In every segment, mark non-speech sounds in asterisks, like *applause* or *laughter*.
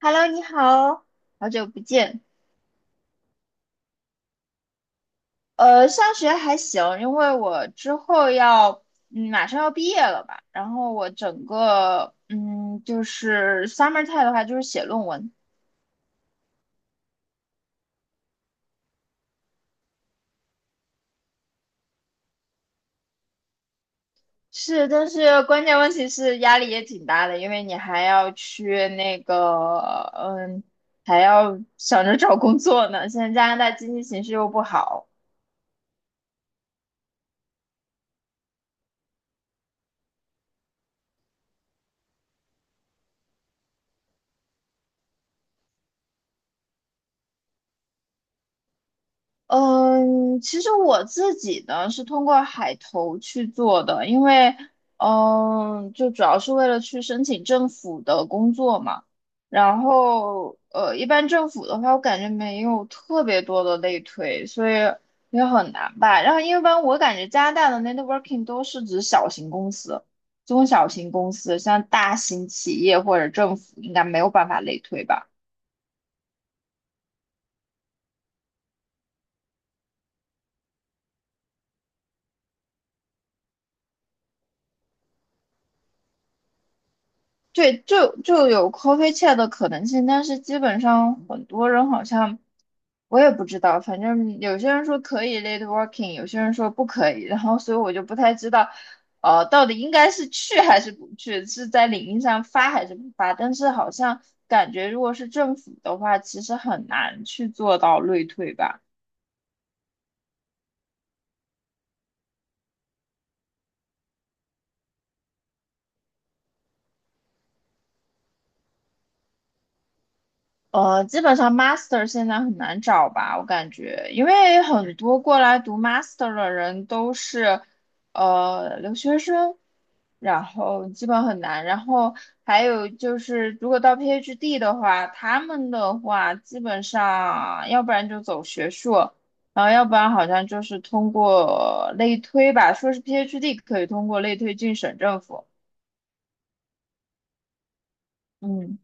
Hello，你好，好久不见。上学还行，因为我之后要，马上要毕业了吧。然后我整个，就是 summer time 的话，就是写论文。是，但是关键问题是压力也挺大的，因为你还要去那个，嗯，还要想着找工作呢。现在加拿大经济形势又不好。嗯，其实我自己呢是通过海投去做的，因为就主要是为了去申请政府的工作嘛。然后一般政府的话，我感觉没有特别多的类推，所以也很难吧。然后一般我感觉加拿大的 networking 都是指小型公司、中小型公司，像大型企业或者政府应该没有办法类推吧。对，就有 coffee chat 的可能性，但是基本上很多人好像我也不知道，反正有些人说可以 lateworking 有些人说不可以，然后所以我就不太知道，到底应该是去还是不去，是在领英上发还是不发？但是好像感觉如果是政府的话，其实很难去做到类推吧。基本上 master 现在很难找吧，我感觉，因为很多过来读 master 的人都是留学生，然后基本很难。然后还有就是，如果到 PhD 的话，他们的话基本上，要不然就走学术，然后要不然好像就是通过类推吧，说是 PhD 可以通过类推进省政府，嗯，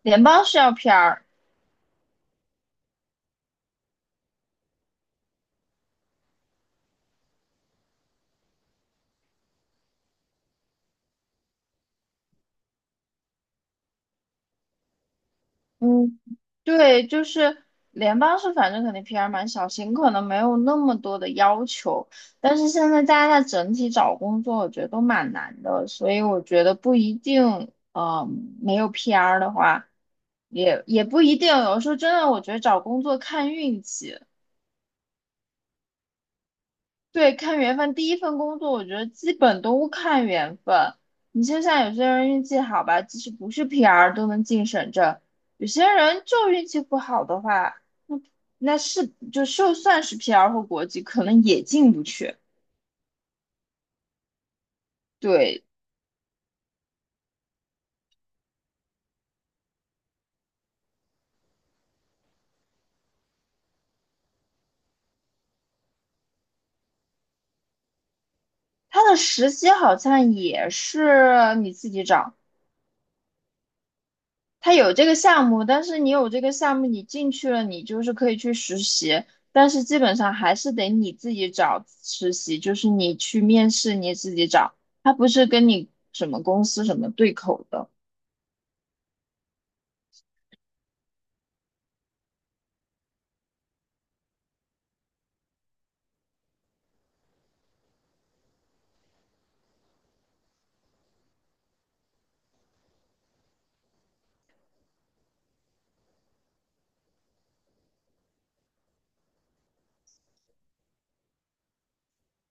联邦是要 PR。嗯，对，就是联邦是反正肯定 PR 蛮小型，可能没有那么多的要求，但是现在加拿大家在整体找工作我觉得都蛮难的，所以我觉得不一定，没有 PR 的话，也不一定，有时候真的我觉得找工作看运气，对，看缘分。第一份工作，我觉得基本都看缘分。你就像有些人运气好吧，即使不是 PR 都能进省政；有些人就运气不好的话，那那就算是 PR 或国籍，可能也进不去。对，他的实习好像也是你自己找。他有这个项目，但是你有这个项目，你进去了，你就是可以去实习，但是基本上还是得你自己找实习，就是你去面试你自己找，他不是跟你什么公司什么对口的。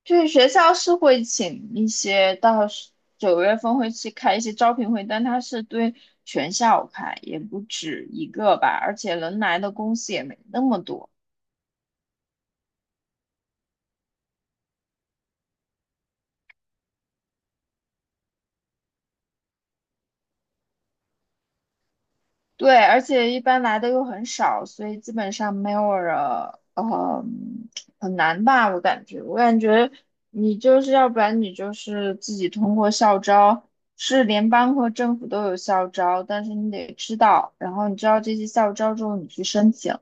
就是学校是会请一些，到时9月份会去开一些招聘会，但他是对全校开，也不止一个吧，而且能来的公司也没那么多。对，而且一般来的又很少，所以基本上没有人，呃，很难吧？我感觉你就是要不然你就是自己通过校招，是联邦和政府都有校招，但是你得知道，然后你知道这些校招之后，你去申请，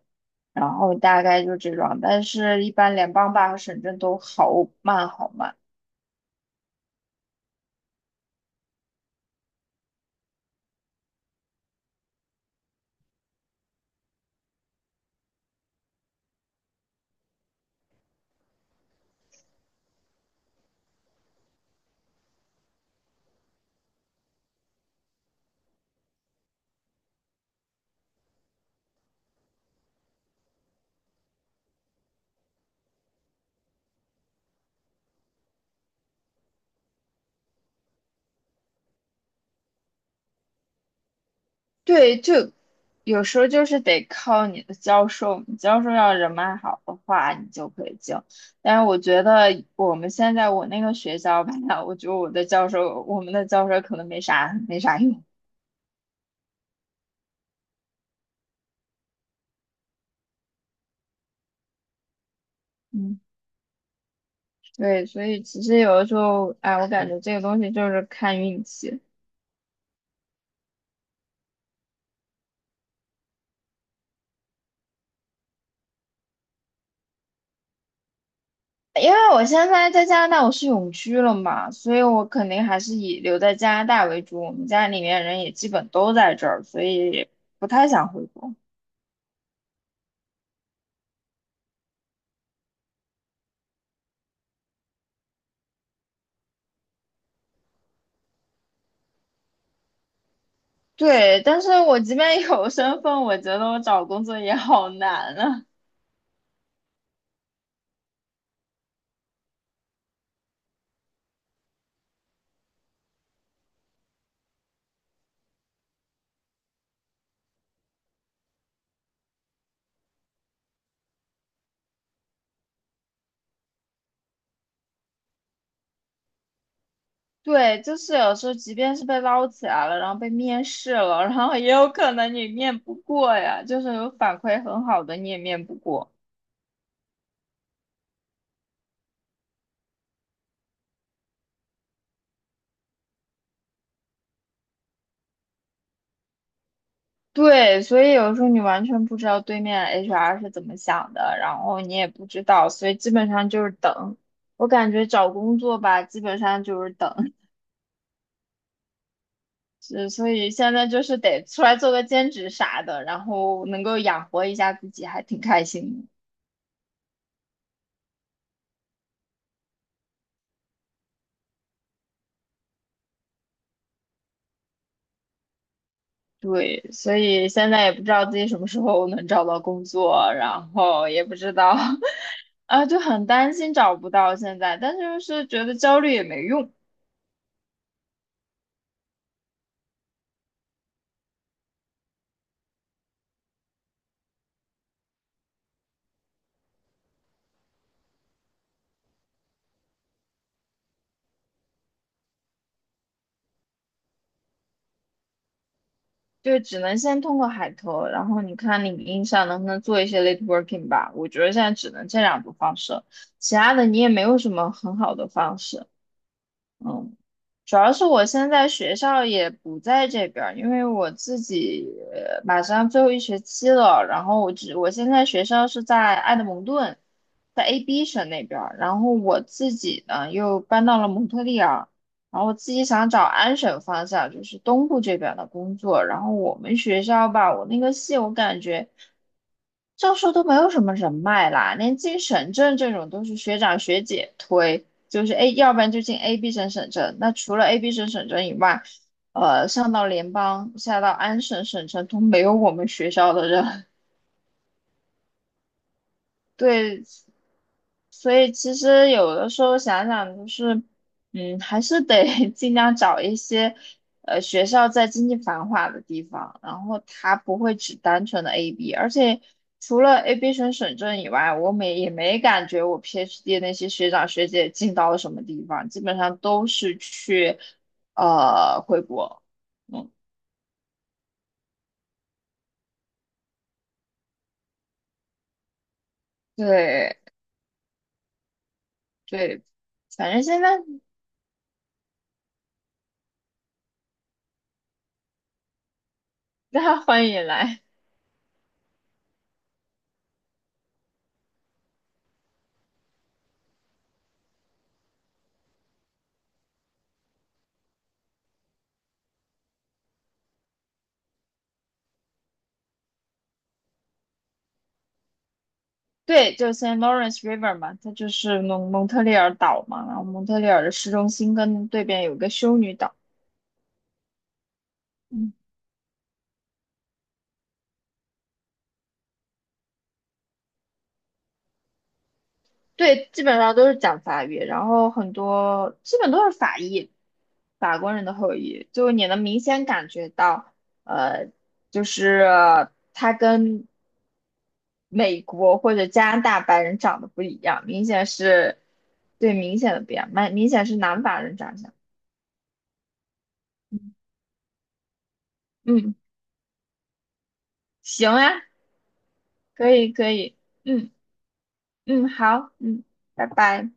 然后大概就这种，但是一般联邦吧和省政都好慢好慢。对，就有时候就是得靠你的教授，你教授要人脉好的话，你就可以进。但是我觉得我们现在我那个学校吧，我觉得我们的教授可能没啥没啥用。嗯，对，所以其实有的时候，哎，我感觉这个东西就是看运气。因为我现在在加拿大，我是永居了嘛，所以我肯定还是以留在加拿大为主。我们家里面人也基本都在这儿，所以不太想回国。对，但是我即便有身份，我觉得我找工作也好难啊。*laughs* 对，就是有时候即便是被捞起来了，然后被面试了，然后也有可能你面不过呀，就是有反馈很好的你也面不过。对，所以有时候你完全不知道对面 HR 是怎么想的，然后你也不知道，所以基本上就是等。我感觉找工作吧，基本上就是等。是，所以现在就是得出来做个兼职啥的，然后能够养活一下自己，还挺开心的。对，所以现在也不知道自己什么时候能找到工作，然后也不知道，*laughs* 啊，就很担心找不到现在，但是就是觉得焦虑也没用，就只能先通过海投，然后你看领英上能不能做一些 late working 吧。我觉得现在只能这两种方式，其他的你也没有什么很好的方式。嗯，主要是我现在学校也不在这边儿，因为我自己马上最后一学期了，然后我现在学校是在埃德蒙顿，在 AB 省那边儿，然后我自己呢又搬到了蒙特利尔，然后我自己想找安省方向，就是东部这边的工作，然后我们学校吧，我那个系我感觉。教授都没有什么人脉啦，连进省政这种都是学长学姐推，就是 A，要不然就进 A、B 省省政。那除了 A、B 省省政以外，上到联邦，下到安省省城都没有我们学校的人。*laughs* 对，所以其实有的时候想想，就是，还是得 *laughs* 尽量找一些，学校在经济繁华的地方，然后它不会只单纯的 AB，而且除了 AB 省省政以外，我没也没感觉我 PhD 那些学长学姐进到了什么地方，基本上都是去，回国，嗯，对对，反正现在 *laughs* 大家欢迎来。对，就 Saint Lawrence River 嘛，它就是蒙特利尔岛嘛，然后蒙特利尔的市中心跟对边有个修女岛，嗯，对，基本上都是讲法语，然后很多基本都是法裔，法国人的后裔，就你能明显感觉到，呃，就是他跟美国或者加拿大白人长得不一样，明显是，对，明显的不一样，蛮明显是南法人长相，嗯，行啊，可以可以，嗯。嗯，好，嗯，拜拜。